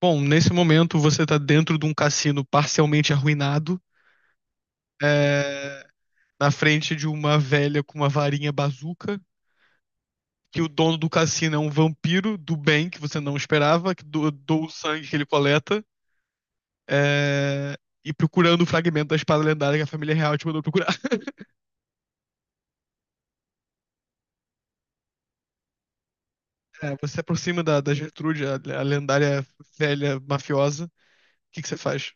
Bom, nesse momento você está dentro de um cassino parcialmente arruinado, é, na frente de uma velha com uma varinha bazuca, que o dono do cassino é um vampiro do bem que você não esperava, que doa o sangue que ele coleta, é, e procurando o fragmento da espada lendária que a família real te mandou procurar. É, você se aproxima da Gertrude, a lendária velha mafiosa. O que você faz?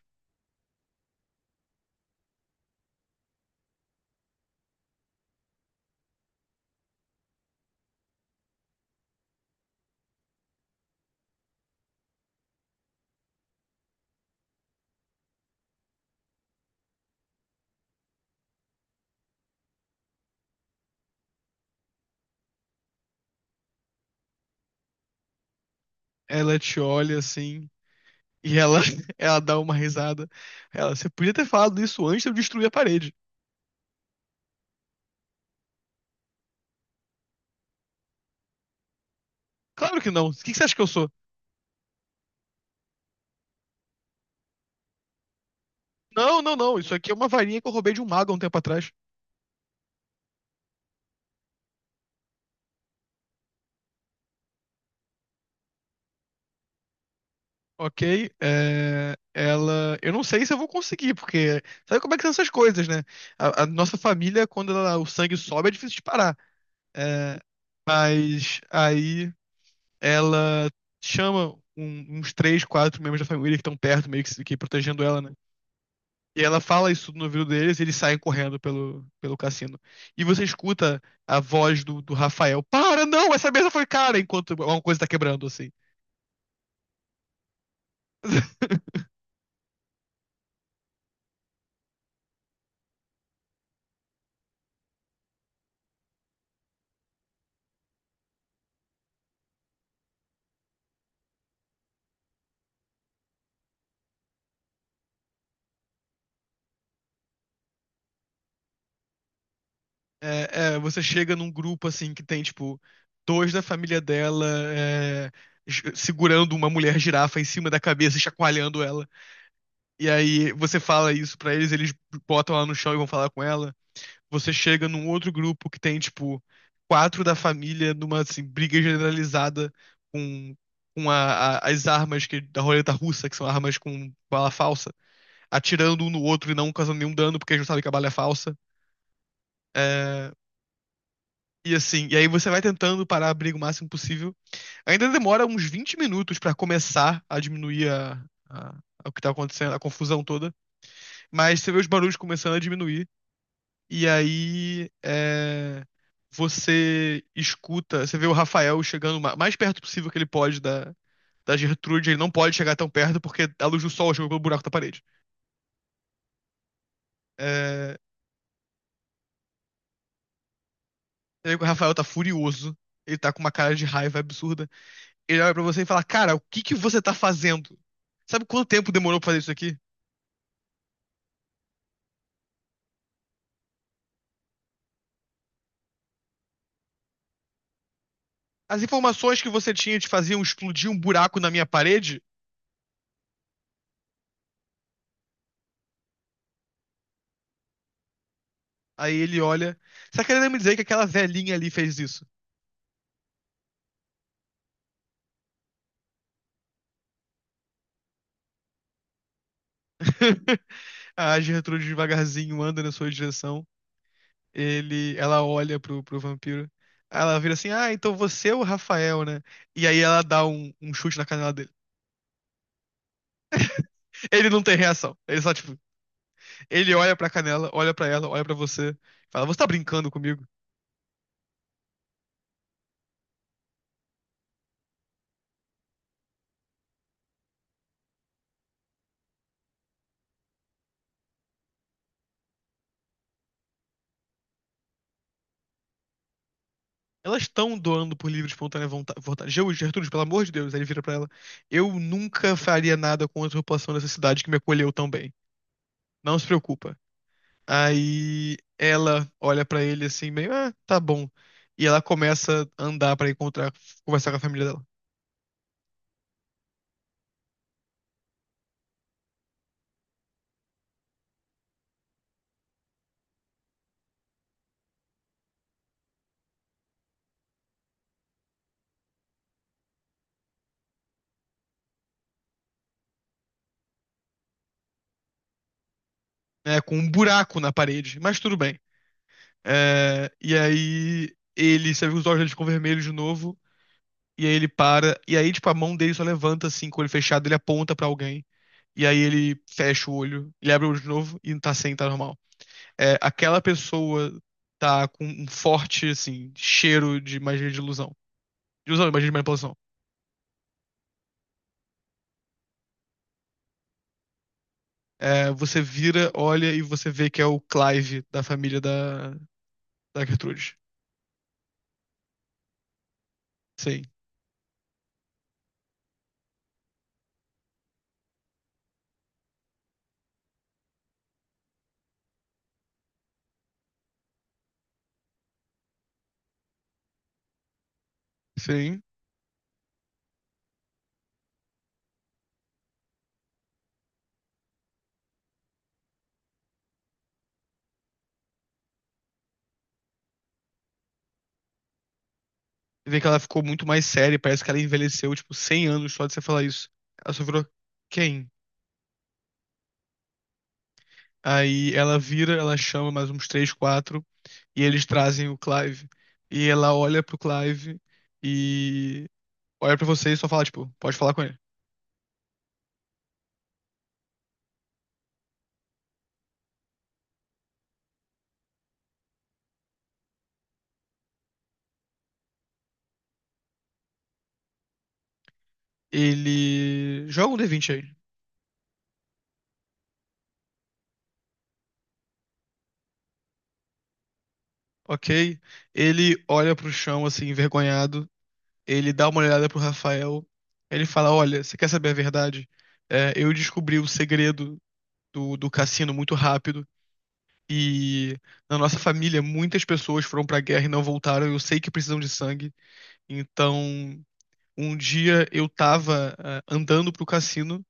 Ela te olha assim, e ela, ela dá uma risada. Ela, você podia ter falado isso antes de eu destruir a parede. Claro que não. O que você acha que eu sou? Não, não, não. Isso aqui é uma varinha que eu roubei de um mago há um tempo atrás. Ok? É, Ela. Eu não sei se eu vou conseguir, porque. Sabe como é que são essas coisas, né? A nossa família, quando o sangue sobe, é difícil de parar. É, mas aí ela chama uns três, quatro membros da família que estão perto, meio que, que protegendo ela, né? E ela fala isso no ouvido deles e eles saem correndo pelo cassino. E você escuta a voz do Rafael: Para, não, essa mesa foi cara! Enquanto alguma coisa tá quebrando, assim. É, é, você chega num grupo, assim, que tem, tipo, dois da família dela, é, segurando uma mulher girafa em cima da cabeça e chacoalhando ela. E aí você fala isso pra eles, eles botam ela no chão e vão falar com ela. Você chega num outro grupo que tem, tipo, quatro da família numa, assim, briga generalizada com, com as armas que, da roleta russa, que são armas com bala falsa, atirando um no outro e não causando nenhum dano, porque eles não sabem que a bala é falsa. É, e assim, e aí você vai tentando parar a briga o máximo possível. Ainda demora uns 20 minutos pra começar a diminuir a, a- o que tá acontecendo, a confusão toda, mas você vê os barulhos começando a diminuir. E aí é, você escuta, você vê o Rafael chegando mais perto possível que ele pode da, da Gertrude. Ele não pode chegar tão perto porque a luz do sol chegou pelo buraco da parede. É, e aí o Rafael tá furioso. Ele tá com uma cara de raiva absurda. Ele olha pra você e fala: Cara, o que você tá fazendo? Sabe quanto tempo demorou pra fazer isso aqui? As informações que você tinha te faziam explodir um buraco na minha parede? Aí ele olha. Você tá querendo me dizer que aquela velhinha ali fez isso? A Gertrude devagarzinho anda na sua direção. Ele, ela olha pro, pro vampiro. Aí ela vira assim: Ah, então você é o Rafael, né? E aí ela dá um, um chute na canela dele. Ele não tem reação. Ele só, tipo, ele olha pra canela, olha pra ela, olha pra você. Fala: Você tá brincando comigo? Elas estão doando por livre e espontânea vontade. Gertrude, pelo amor de Deus. Aí ele vira pra ela: Eu nunca faria nada contra a população dessa cidade que me acolheu tão bem. Não se preocupa. Aí ela olha pra ele assim, meio, ah, tá bom. E ela começa a andar pra encontrar, conversar com a família dela, né? Com um buraco na parede, mas tudo bem. É, e aí ele, você vê que os olhos dele ficam vermelhos de novo, e aí ele para, e aí, tipo, a mão dele só levanta assim, com o olho fechado, ele aponta pra alguém, e aí ele fecha o olho, ele abre o olho de novo e tá sem, tá normal. É, aquela pessoa tá com um forte, assim, cheiro de magia de ilusão. De ilusão, magia de manipulação. É, você vira, olha e você vê que é o Clive da família da, da Gertrude. Sim, sim. Você vê que ela ficou muito mais séria, parece que ela envelheceu, tipo, 100 anos só de você falar isso. Ela só virou quem? Aí ela vira, ela chama mais uns três, quatro, e eles trazem o Clive. E ela olha pro Clive e olha pra você e só fala, tipo, pode falar com ele. Ele joga um D20 aí, ok? Ele olha pro chão, assim, envergonhado, ele dá uma olhada pro Rafael, ele fala: Olha, você quer saber a verdade? É, eu descobri o segredo do cassino muito rápido. E na nossa família, muitas pessoas foram pra guerra e não voltaram. Eu sei que precisam de sangue. Então, um dia eu tava, ah, andando pro cassino,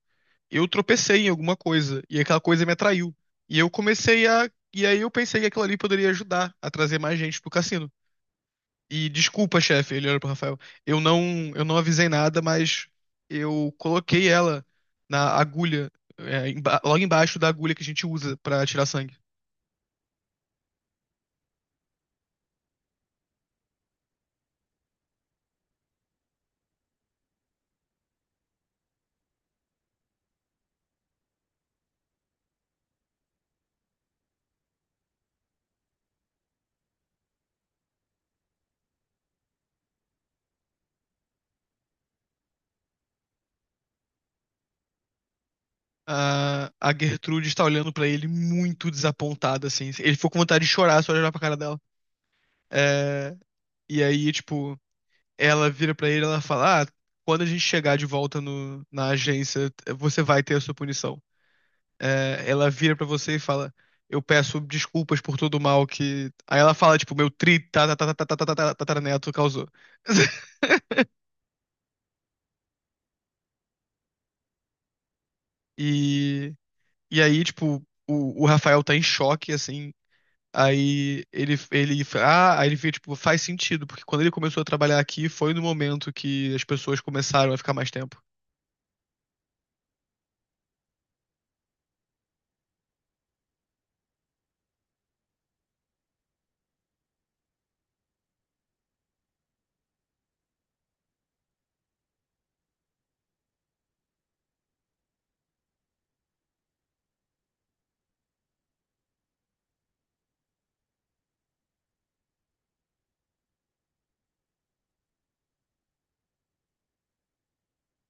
eu tropecei em alguma coisa, e aquela coisa me atraiu. E eu comecei a. E aí eu pensei que aquilo ali poderia ajudar a trazer mais gente pro cassino. E desculpa, chefe, ele olha pro Rafael. Eu não, eu não avisei nada, mas eu coloquei ela na agulha, é, logo embaixo da agulha que a gente usa pra tirar sangue. A Gertrude está olhando pra ele muito desapontada, assim. Ele ficou com vontade de chorar só de olhar pra cara dela. É, e aí, tipo, ela vira pra ele, e ela fala: "Ah, quando a gente chegar de volta no, na agência, você vai ter a sua punição. É, ela vira pra você e fala: Eu peço desculpas por todo o mal que. Aí ela fala, tipo, meu tri tá- tá- tá- tá- tá- tá- tá- tá tataraneto causou. E, e aí, tipo, o Rafael tá em choque, assim. Aí ele, ah, aí ele vê, tipo, faz sentido, porque quando ele começou a trabalhar aqui foi no momento que as pessoas começaram a ficar mais tempo.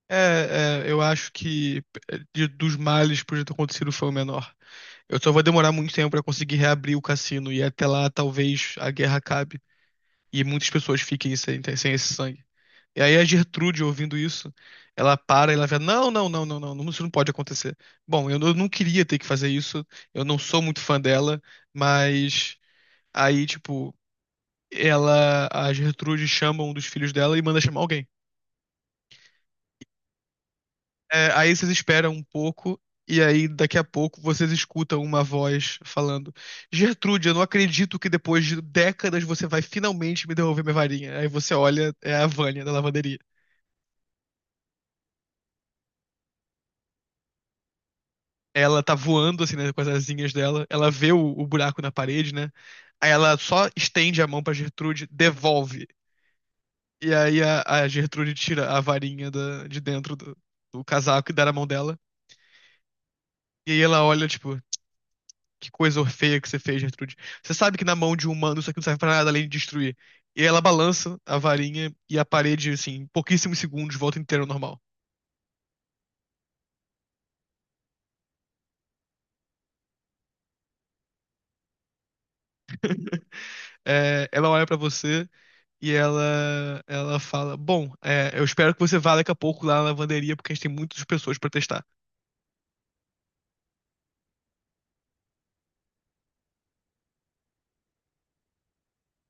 É, é, eu acho que é, dos males que podia ter acontecido foi o menor. Eu só vou demorar muito tempo pra conseguir reabrir o cassino e até lá talvez a guerra acabe e muitas pessoas fiquem sem, sem esse sangue. E aí a Gertrude, ouvindo isso, ela para e ela fala: Não, não, não, não, não, não, isso não pode acontecer. Bom, eu, eu não queria ter que fazer isso, eu não sou muito fã dela, mas aí, tipo, ela, a Gertrude chama um dos filhos dela e manda chamar alguém. É, aí vocês esperam um pouco, e aí daqui a pouco vocês escutam uma voz falando: Gertrude, eu não acredito que depois de décadas você vai finalmente me devolver minha varinha. Aí você olha, é a Vânia da lavanderia. Ela tá voando, assim, né, com as asinhas dela, ela vê o buraco na parede, né? Aí ela só estende a mão pra Gertrude, devolve. E aí a Gertrude tira a varinha de dentro do, do casaco e dá na mão dela. E aí ela olha, tipo, Que coisa feia que você fez, Gertrude. Você sabe que na mão de um humano isso aqui não serve pra nada além de destruir. E ela balança a varinha e a parede, assim, em pouquíssimos segundos, volta inteira ao normal. É, ela olha pra você e ela fala: Bom, é, eu espero que você vá daqui a pouco lá na lavanderia, porque a gente tem muitas pessoas pra testar.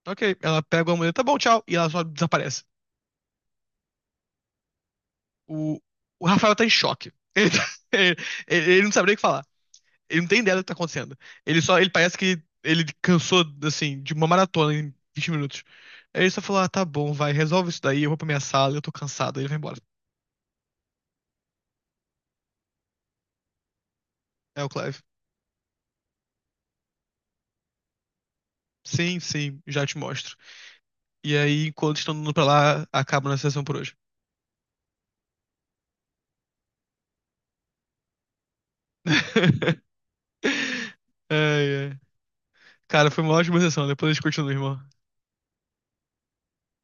Ok, ela pega uma mulher, tá bom, tchau, e ela só desaparece. O, o Rafael tá em choque. Ele, ele- ele não sabe nem o que falar. Ele não tem ideia do que tá acontecendo. Ele só, ele parece que ele cansou, assim, de uma maratona em 20 minutos. Aí ele só falou, ah, tá bom, vai, resolve isso daí, eu vou pra minha sala, eu tô cansado, aí ele vai embora. É o Clive. Sim, sim, já te mostro. E aí, enquanto estão indo pra lá, acaba na sessão por hoje. Ai, ai. Cara, foi uma ótima sessão, depois a gente continua, irmão.